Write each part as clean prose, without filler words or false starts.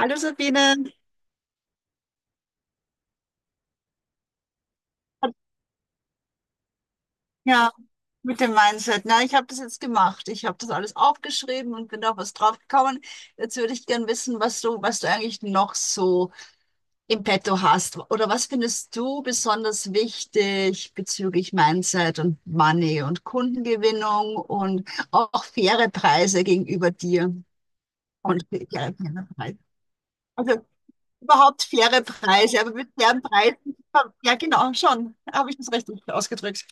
Hallo Sabine, ja, mit dem Mindset. Na, ich habe das jetzt gemacht. Ich habe das alles aufgeschrieben und bin auf was drauf gekommen. Jetzt würde ich gern wissen, was du eigentlich noch so im Petto hast. Oder was findest du besonders wichtig bezüglich Mindset und Money und Kundengewinnung und auch faire Preise gegenüber dir und faire Preise. Also überhaupt faire Preise, aber mit fairen Preisen. Ja, genau, schon. Habe ich das richtig ausgedrückt?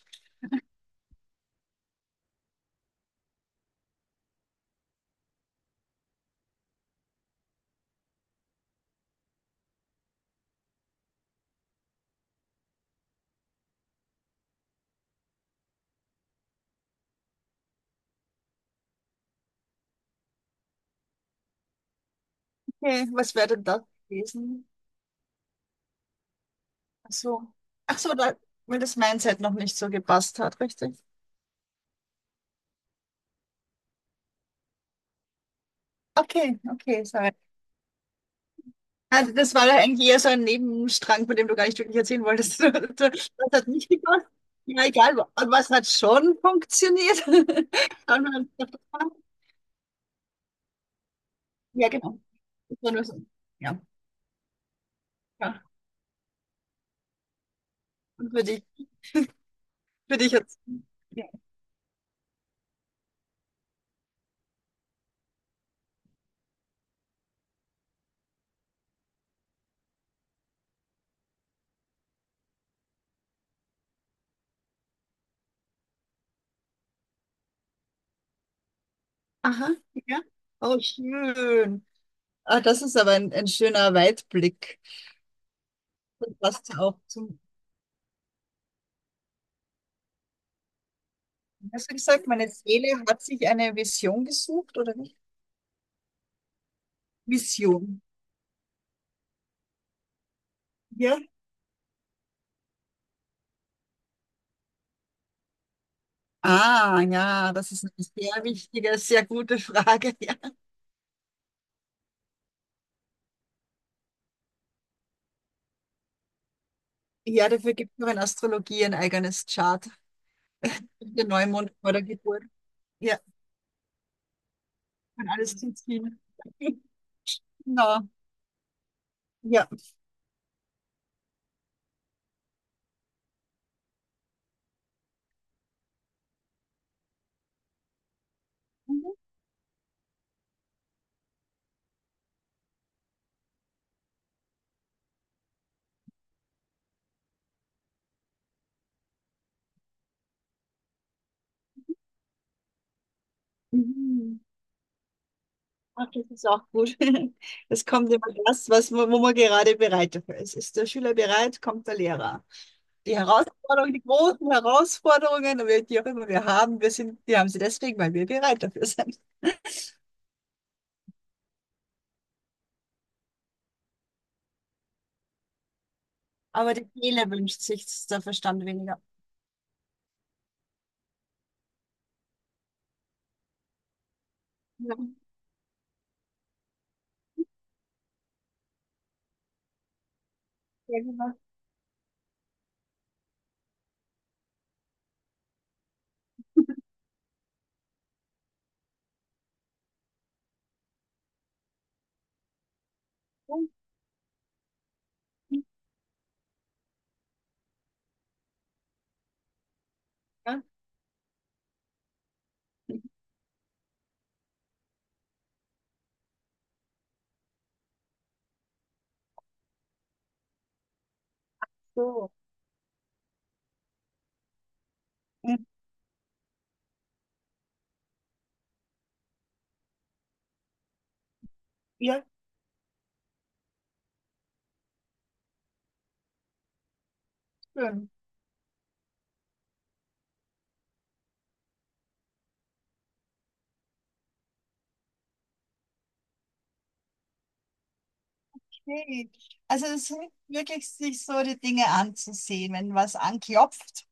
Okay, was wäre denn das gewesen? Ach so, ach so, da, weil das Mindset noch nicht so gepasst hat, richtig? Okay, okay, sorry. Also das war ja eigentlich eher so ein Nebenstrang, von dem du gar nicht wirklich erzählen wolltest. Das hat nicht gepasst. Ja, egal, was hat schon funktioniert? Schauen wir uns das an. Ja, genau. Das war nur so. Ja, ja. Und für dich jetzt. Ja. Aha, ja. Oh, schön. Ah, das ist aber ein schöner Weitblick. Das passt ja auch zum. Hast du gesagt, meine Seele hat sich eine Vision gesucht oder nicht? Vision. Ja. Ah, ja, das ist eine sehr wichtige, sehr gute Frage. Ja, ja, dafür gibt es noch in Astrologie ein eigenes Chart. Der Neumond vor der Geburt. Ja, kann alles zuziehen. Genau. Ja. Mhm. Ach, das ist auch gut. Es kommt immer das, was, wo man gerade bereit dafür ist. Ist der Schüler bereit, kommt der Lehrer. Die Herausforderungen, die großen Herausforderungen, oder die auch immer wir haben, wir sind, wir haben sie deswegen, weil wir bereit dafür sind. Aber die Seele wünscht sich, der Verstand weniger. Ja, sehr gemacht. Ja, so. Ja, schön. Okay. Also es hilft wirklich, sich so die Dinge anzusehen, wenn was anklopft.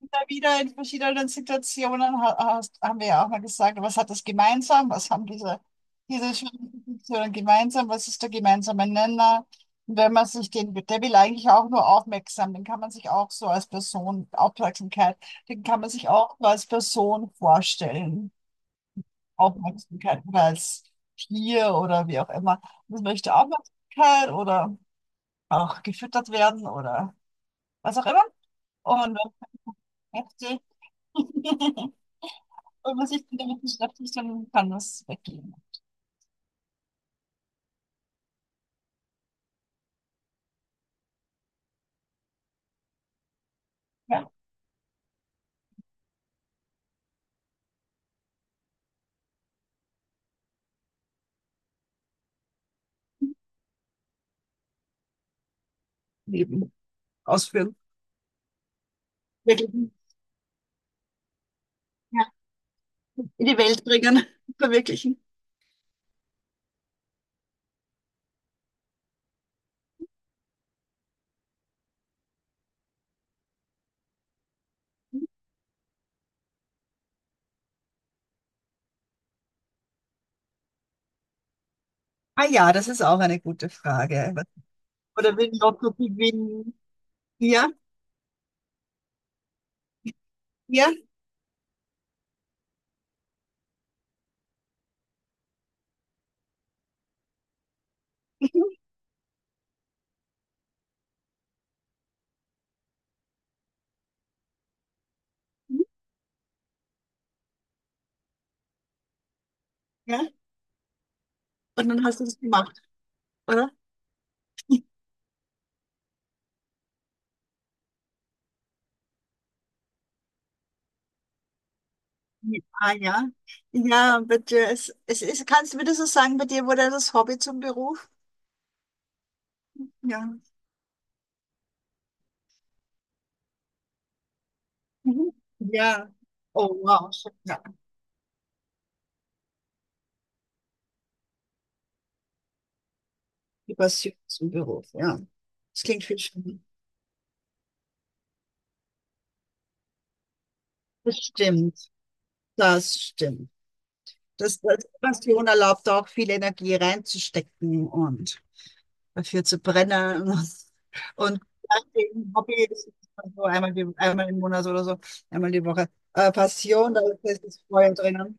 Immer wieder in verschiedenen Situationen hast, haben wir ja auch mal gesagt, was hat das gemeinsam? Was haben diese Situationen gemeinsam? Was ist der gemeinsame Nenner? Und wenn man sich den, der will eigentlich auch nur aufmerksam, den kann man sich auch so als Person, Aufmerksamkeit, den kann man sich auch nur als Person vorstellen. Aufmerksamkeit oder als Tier oder wie auch immer. Das möchte Aufmerksamkeit oder auch gefüttert werden oder was auch immer. Und wenn man möchte, und was ich dann damit beschäftigt, dann kann das weggehen. Ja. Leben ausführen. Wirklichen. Ja. In die Welt bringen, verwirklichen. Ah ja, das ist auch eine gute Frage. Oder wenn Lotto gewinnen. Ja, ja. Ja. Und dann hast du das gemacht, oder? Ja, ah ja. Ja, bitte. Kannst du mir so sagen, bei dir wurde das Hobby zum Beruf? Ja. Mhm. Ja. Oh wow. Schön. Ja. Die Passion zum Beruf, ja. Das klingt viel schöner. Das stimmt. Das stimmt. Das Passion erlaubt auch viel Energie reinzustecken und dafür zu brennen. Und ein Hobby ist so einmal, die, einmal im Monat oder so, einmal die Woche. Passion, da ist das Feuer drinnen.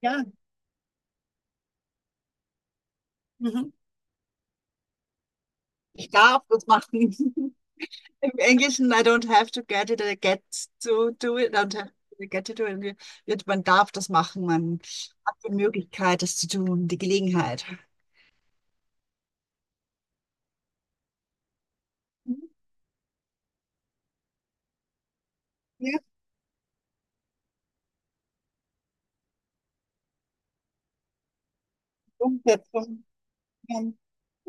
Ja, mhm. Ich darf das machen. Im Englischen, I don't have to get it, I get to do it, I don't have to get to do it. Wird- Man darf das machen, man hat die Möglichkeit, das zu tun, die Gelegenheit. Mhm. Ja, Umsetzung. Ja,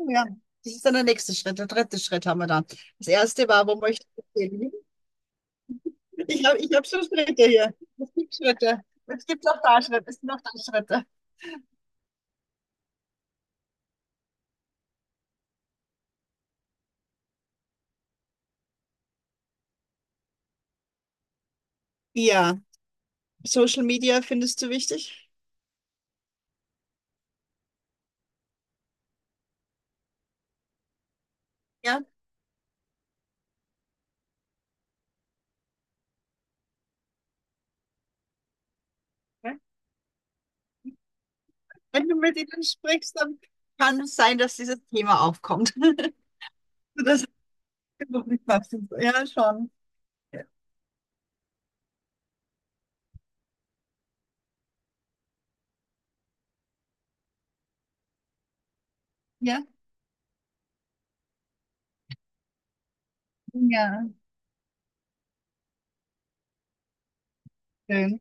ja, das ist dann der nächste Schritt, der dritte Schritt haben wir dann. Das erste war, wo möchte ich hin? Ich habe, ich hab schon Schritte hier. Es gibt Schritte. Es gibt auch da Schritte. Es sind auch da Schritte. Ja, Social Media findest du wichtig? Ja. Ja. Wenn du mit ihnen sprichst, dann kann es sein, dass dieses Thema aufkommt. Das ist noch nicht passend. Ja, schon. Ja. Ja, schön.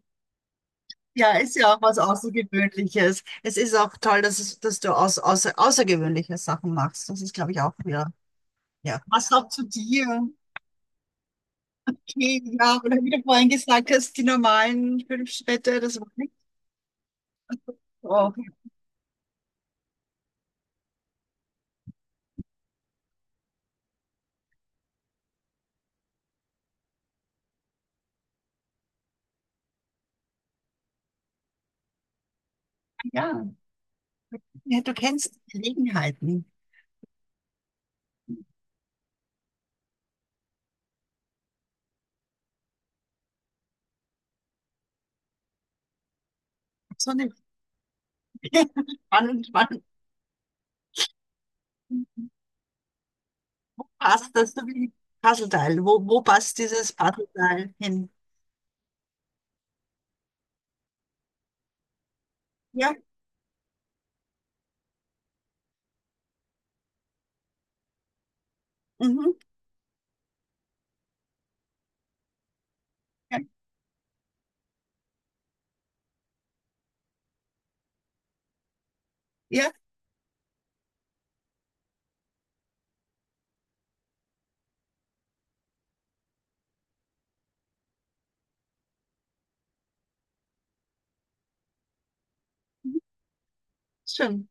Ja, ist ja auch was Außergewöhnliches. Es ist auch toll, dass, es, dass du aus, außer, außergewöhnliche Sachen machst. Das ist, glaube ich, auch wieder, ja. Passt auch zu dir. Okay, ja, oder wie du vorhin gesagt hast, die normalen fünf Städte, das war nicht so. Ja, ja, du kennst Gelegenheiten. So eine spannend, spannend. Passt das so wie Puzzleteil? Wo, wo passt dieses Puzzleteil hin? Ja, mhm. Ja, ja, schön.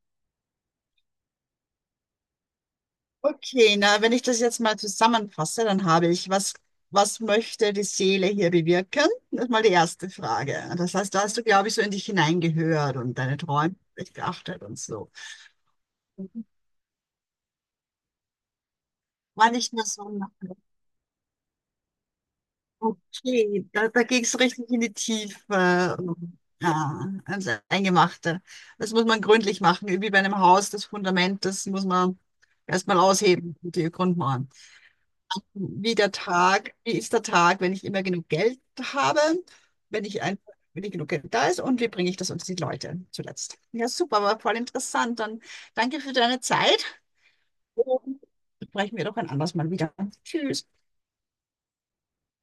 Okay, na, wenn ich das jetzt mal zusammenfasse, dann habe ich, was, was möchte die Seele hier bewirken? Das ist mal die erste Frage. Das heißt, da hast du, glaube ich, so in dich hineingehört und deine Träume echt beachtet und so. War nicht mehr so. Okay, da ging es richtig in die Tiefe. Ja, also Eingemachte. Das muss man gründlich machen, wie bei einem Haus, das Fundament, das muss man erstmal ausheben, die Grundmauern. Wie der Tag, wie ist der Tag, wenn ich immer genug Geld habe, wenn ich einfach, wenn ich genug Geld da ist und wie bringe ich das unter die Leute zuletzt. Ja, super, war voll interessant. Dann danke für deine Zeit und sprechen wir doch ein anderes Mal wieder. Tschüss.